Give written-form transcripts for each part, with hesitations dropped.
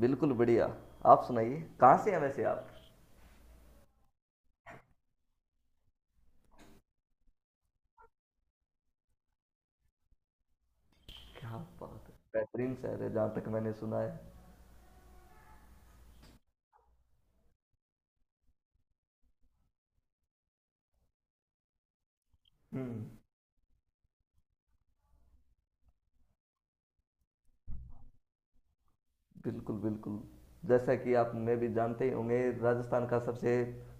बिल्कुल बढ़िया। आप सुनाइए, कहाँ से हैं वैसे आप? क्या बात है, बेहतरीन शहर है जहाँ तक मैंने सुना है। हम्म। बिल्कुल बिल्कुल। जैसा कि आप मैं भी जानते ही होंगे, राजस्थान का सबसे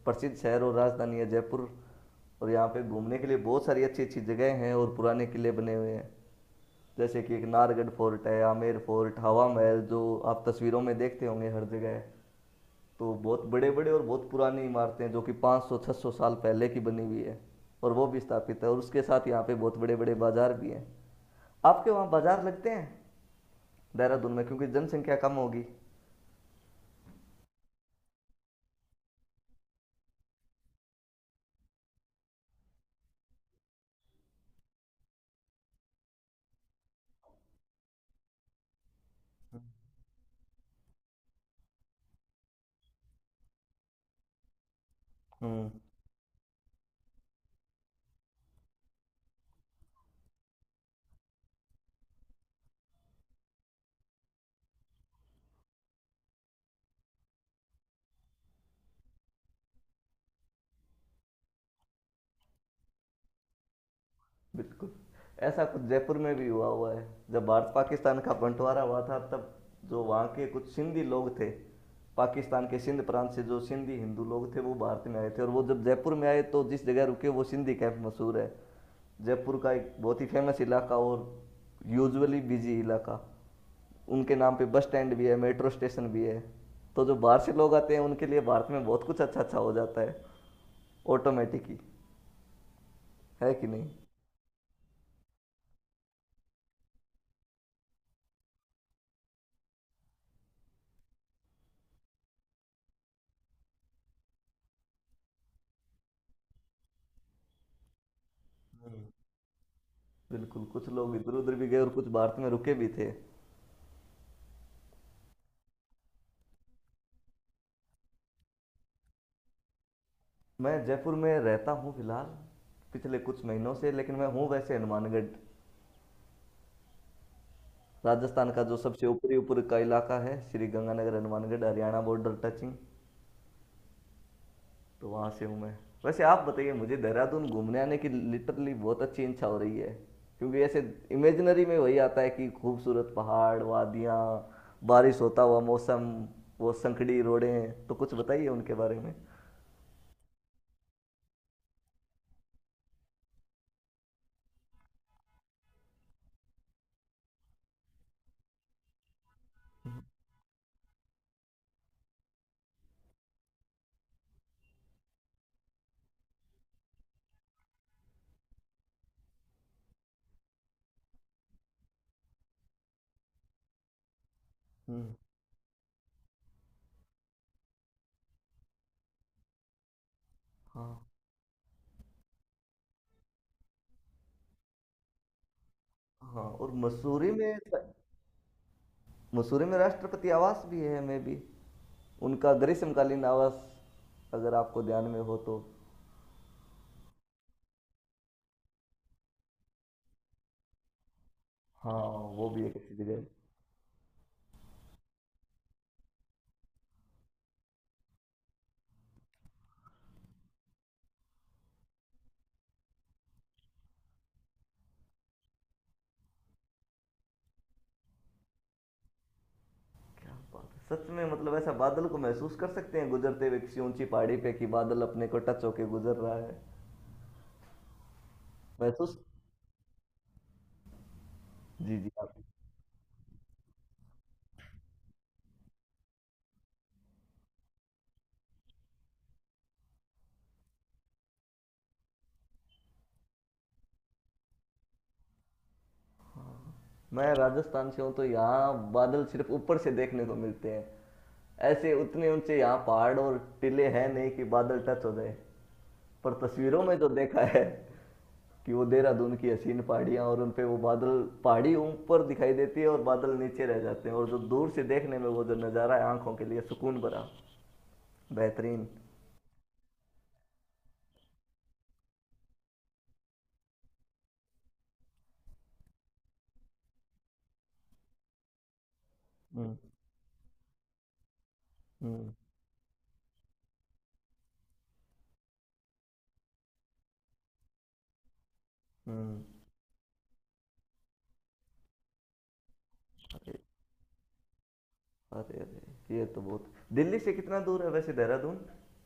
प्रसिद्ध शहर और राजधानी है जयपुर। और यहाँ पे घूमने के लिए बहुत सारी अच्छी अच्छी जगह हैं और पुराने किले बने हुए हैं। जैसे कि एक नारगढ़ फोर्ट है, आमेर फोर्ट, हवा महल, जो आप तस्वीरों में देखते होंगे हर जगह। तो बहुत बड़े बड़े और बहुत पुरानी इमारतें जो कि 500-600 साल पहले की बनी हुई है, और वो भी स्थापित है। और उसके साथ यहाँ पे बहुत बड़े बड़े बाजार भी हैं। आपके वहाँ बाजार लगते हैं देहरादून में? क्योंकि जनसंख्या कम होगी। हम्म। बिल्कुल, ऐसा कुछ जयपुर में भी हुआ हुआ है। जब भारत पाकिस्तान का बंटवारा हुआ था, तब जो वहाँ के कुछ सिंधी लोग थे, पाकिस्तान के सिंध प्रांत से, जो सिंधी हिंदू लोग थे वो भारत में आए थे। और वो जब जयपुर में आए तो जिस जगह रुके वो सिंधी कैंप मशहूर है, जयपुर का एक बहुत ही फेमस इलाका और यूजुअली बिजी इलाका। उनके नाम पे बस स्टैंड भी है, मेट्रो स्टेशन भी है। तो जो बाहर से लोग आते हैं उनके लिए भारत में बहुत कुछ अच्छा अच्छा हो जाता है, ऑटोमेटिक ही। है कि नहीं? बिल्कुल, कुछ लोग इधर उधर भी गए और कुछ भारत में रुके भी थे। मैं जयपुर में रहता हूँ फिलहाल, पिछले कुछ महीनों से। लेकिन मैं हूँ वैसे हनुमानगढ़, राजस्थान का जो सबसे ऊपरी ऊपर का इलाका है, श्री गंगानगर, हनुमानगढ़, हरियाणा बॉर्डर टचिंग। तो वहाँ से हूँ मैं। वैसे आप बताइए, मुझे देहरादून घूमने आने की लिटरली बहुत अच्छी इच्छा हो रही है। क्योंकि ऐसे इमेजिनरी में वही आता है कि खूबसूरत पहाड़ वादियाँ, बारिश होता हुआ मौसम, वो संकड़ी रोडें। तो कुछ बताइए उनके बारे में। हम्म। हाँ। हाँ, और मसूरी में राष्ट्रपति आवास भी है मे बी, उनका ग्रीष्मकालीन आवास, अगर आपको ध्यान में हो तो। हाँ, वो भी एक अच्छी जगह है। क्या बात है, सच में! मतलब ऐसा बादल को महसूस कर सकते हैं गुजरते हुए किसी ऊंची पहाड़ी पे कि बादल अपने को टच होके गुजर रहा है। महसूस। जी जी, आप मैं राजस्थान से हूँ तो यहाँ बादल सिर्फ ऊपर से देखने को मिलते हैं। ऐसे उतने ऊंचे यहाँ पहाड़ और टीले हैं नहीं कि बादल टच हो जाए। पर तस्वीरों में जो देखा है कि वो देहरादून की हसीन पहाड़ियाँ और उन पे वो बादल, पहाड़ी ऊपर दिखाई देती है और बादल नीचे रह जाते हैं, और जो दूर से देखने में वो जो नज़ारा है आंखों के लिए सुकून भरा, बेहतरीन। हम्म। हम्म। हम्म। अरे अरे, ये तो बहुत। दिल्ली से कितना दूर है वैसे देहरादून,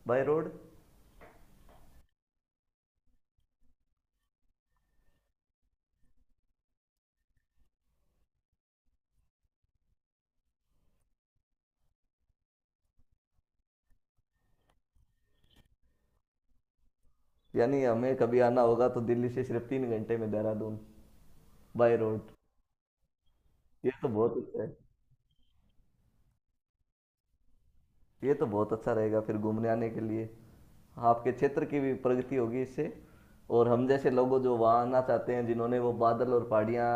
बाय रोड? यानी हमें कभी आना होगा तो दिल्ली से सिर्फ 3 घंटे में देहरादून, बाय रोड! ये तो बहुत अच्छा है। ये तो बहुत अच्छा रहेगा फिर घूमने आने के लिए। आपके क्षेत्र की भी प्रगति होगी इससे। और हम जैसे लोगों जो वहाँ आना चाहते हैं, जिन्होंने वो बादल और पहाड़ियाँ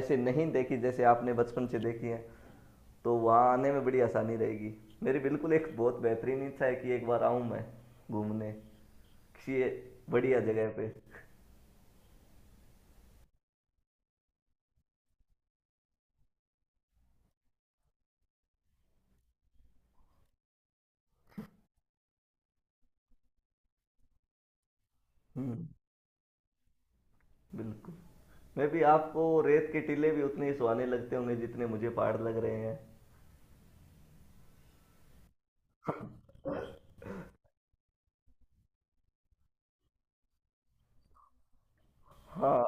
ऐसे नहीं देखी जैसे आपने बचपन से देखी हैं, तो वहाँ आने में बड़ी आसानी रहेगी। मेरी बिल्कुल एक बहुत बेहतरीन इच्छा है कि एक बार आऊँ मैं घूमने, किसी बढ़िया जगह पे। हम्म। बिल्कुल। मैं भी आपको रेत के टीले भी उतने ही सुहाने लगते होंगे जितने मुझे पहाड़ लग रहे हैं। हाँ।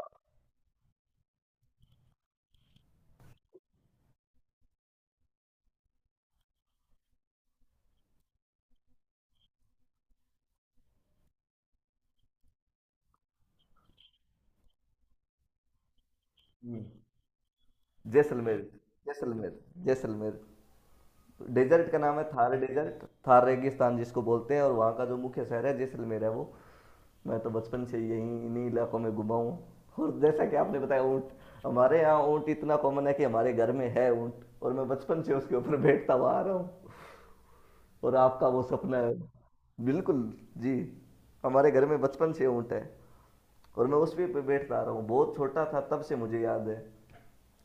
जैसलमेर। जैसलमेर। जैसलमेर। डेजर्ट का नाम है थार डेजर्ट, थार रेगिस्तान जिसको बोलते हैं, और वहाँ का जो मुख्य शहर है जैसलमेर है वो। मैं तो बचपन से यहीं इन्हीं इलाकों में घुमा हूँ। और जैसा कि आपने बताया ऊँट, हमारे यहाँ ऊँट इतना कॉमन है कि हमारे घर में है ऊँट। और मैं बचपन से उसके ऊपर बैठता हुआ आ रहा हूँ। और आपका वो सपना है। बिल्कुल। जी। हमारे घर में बचपन से ऊँट है। और मैं उस पे बैठता आ रहा हूँ, बहुत छोटा था तब से मुझे याद है।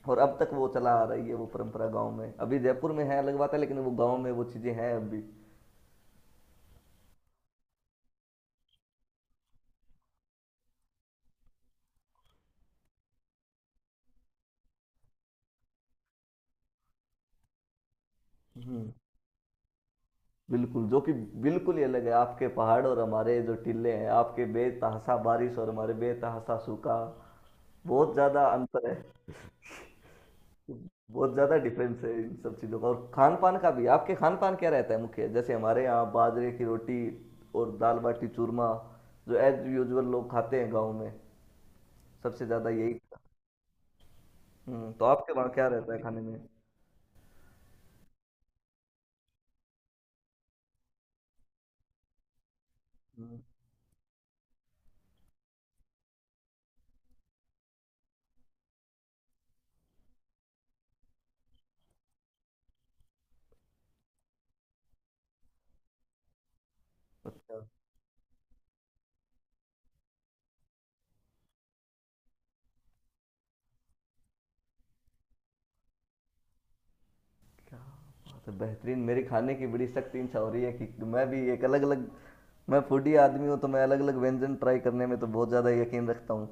और अब तक वो चला आ रही है वो परंपरा गांव में। अभी जयपुर में है अलग बात है, लेकिन वो गांव में वो चीज़ें हैं अभी। बिल्कुल, जो कि बिल्कुल ही अलग है। आपके पहाड़ और हमारे जो टिले हैं, आपके बेतहासा बारिश और हमारे बेतहासा सूखा, बहुत ज़्यादा अंतर है। बहुत ज़्यादा डिफरेंस है इन सब चीज़ों का, और खान पान का भी। आपके खान पान क्या रहता है मुख्य? जैसे हमारे यहाँ बाजरे की रोटी और दाल बाटी चूरमा, जो एज यूजुअल लोग खाते हैं गाँव में, सबसे ज़्यादा यही। हम्म, तो आपके वहाँ क्या रहता है खाने में? हम्म, अच्छा। तो बेहतरीन, मेरी खाने की बड़ी सख्त इच्छा हो रही है कि मैं भी एक अलग अलग। मैं फूडी आदमी हूँ, तो मैं अलग अलग व्यंजन ट्राई करने में तो बहुत ज़्यादा यकीन रखता हूँ।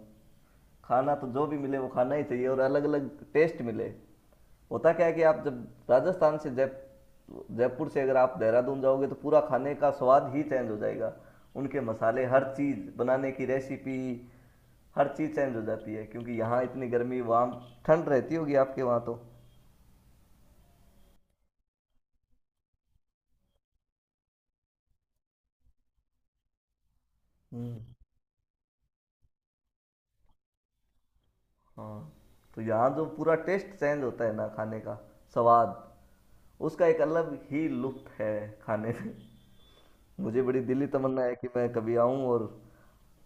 खाना तो जो भी मिले वो खाना ही चाहिए, और अलग अलग टेस्ट मिले। होता क्या है कि आप जब राजस्थान से जय जयपुर से अगर आप देहरादून जाओगे तो पूरा खाने का स्वाद ही चेंज हो जाएगा। उनके मसाले, हर चीज़ बनाने की रेसिपी, हर चीज़ चेंज हो जाती है। क्योंकि यहाँ इतनी गर्मी, वहाँ ठंड रहती होगी आपके वहाँ तो। हम्म। हाँ। तो यहाँ जो पूरा टेस्ट चेंज होता है ना खाने का स्वाद, उसका एक अलग ही लुत्फ है खाने में। मुझे बड़ी दिली तमन्ना है कि मैं कभी आऊं और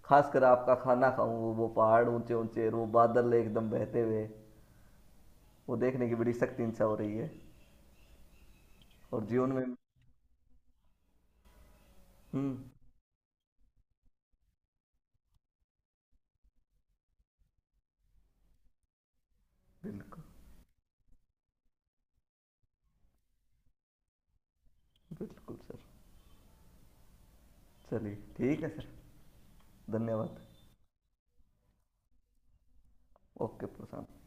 खासकर आपका खाना खाऊं, वो पहाड़ ऊंचे ऊंचे, वो बादल एकदम बहते हुए, वो देखने की बड़ी सख्त इच्छा हो रही है। और जीवन में। हम्म। बिल्कुल। बिल्कुल सर। चलिए, ठीक है सर। धन्यवाद। ओके प्रशांत।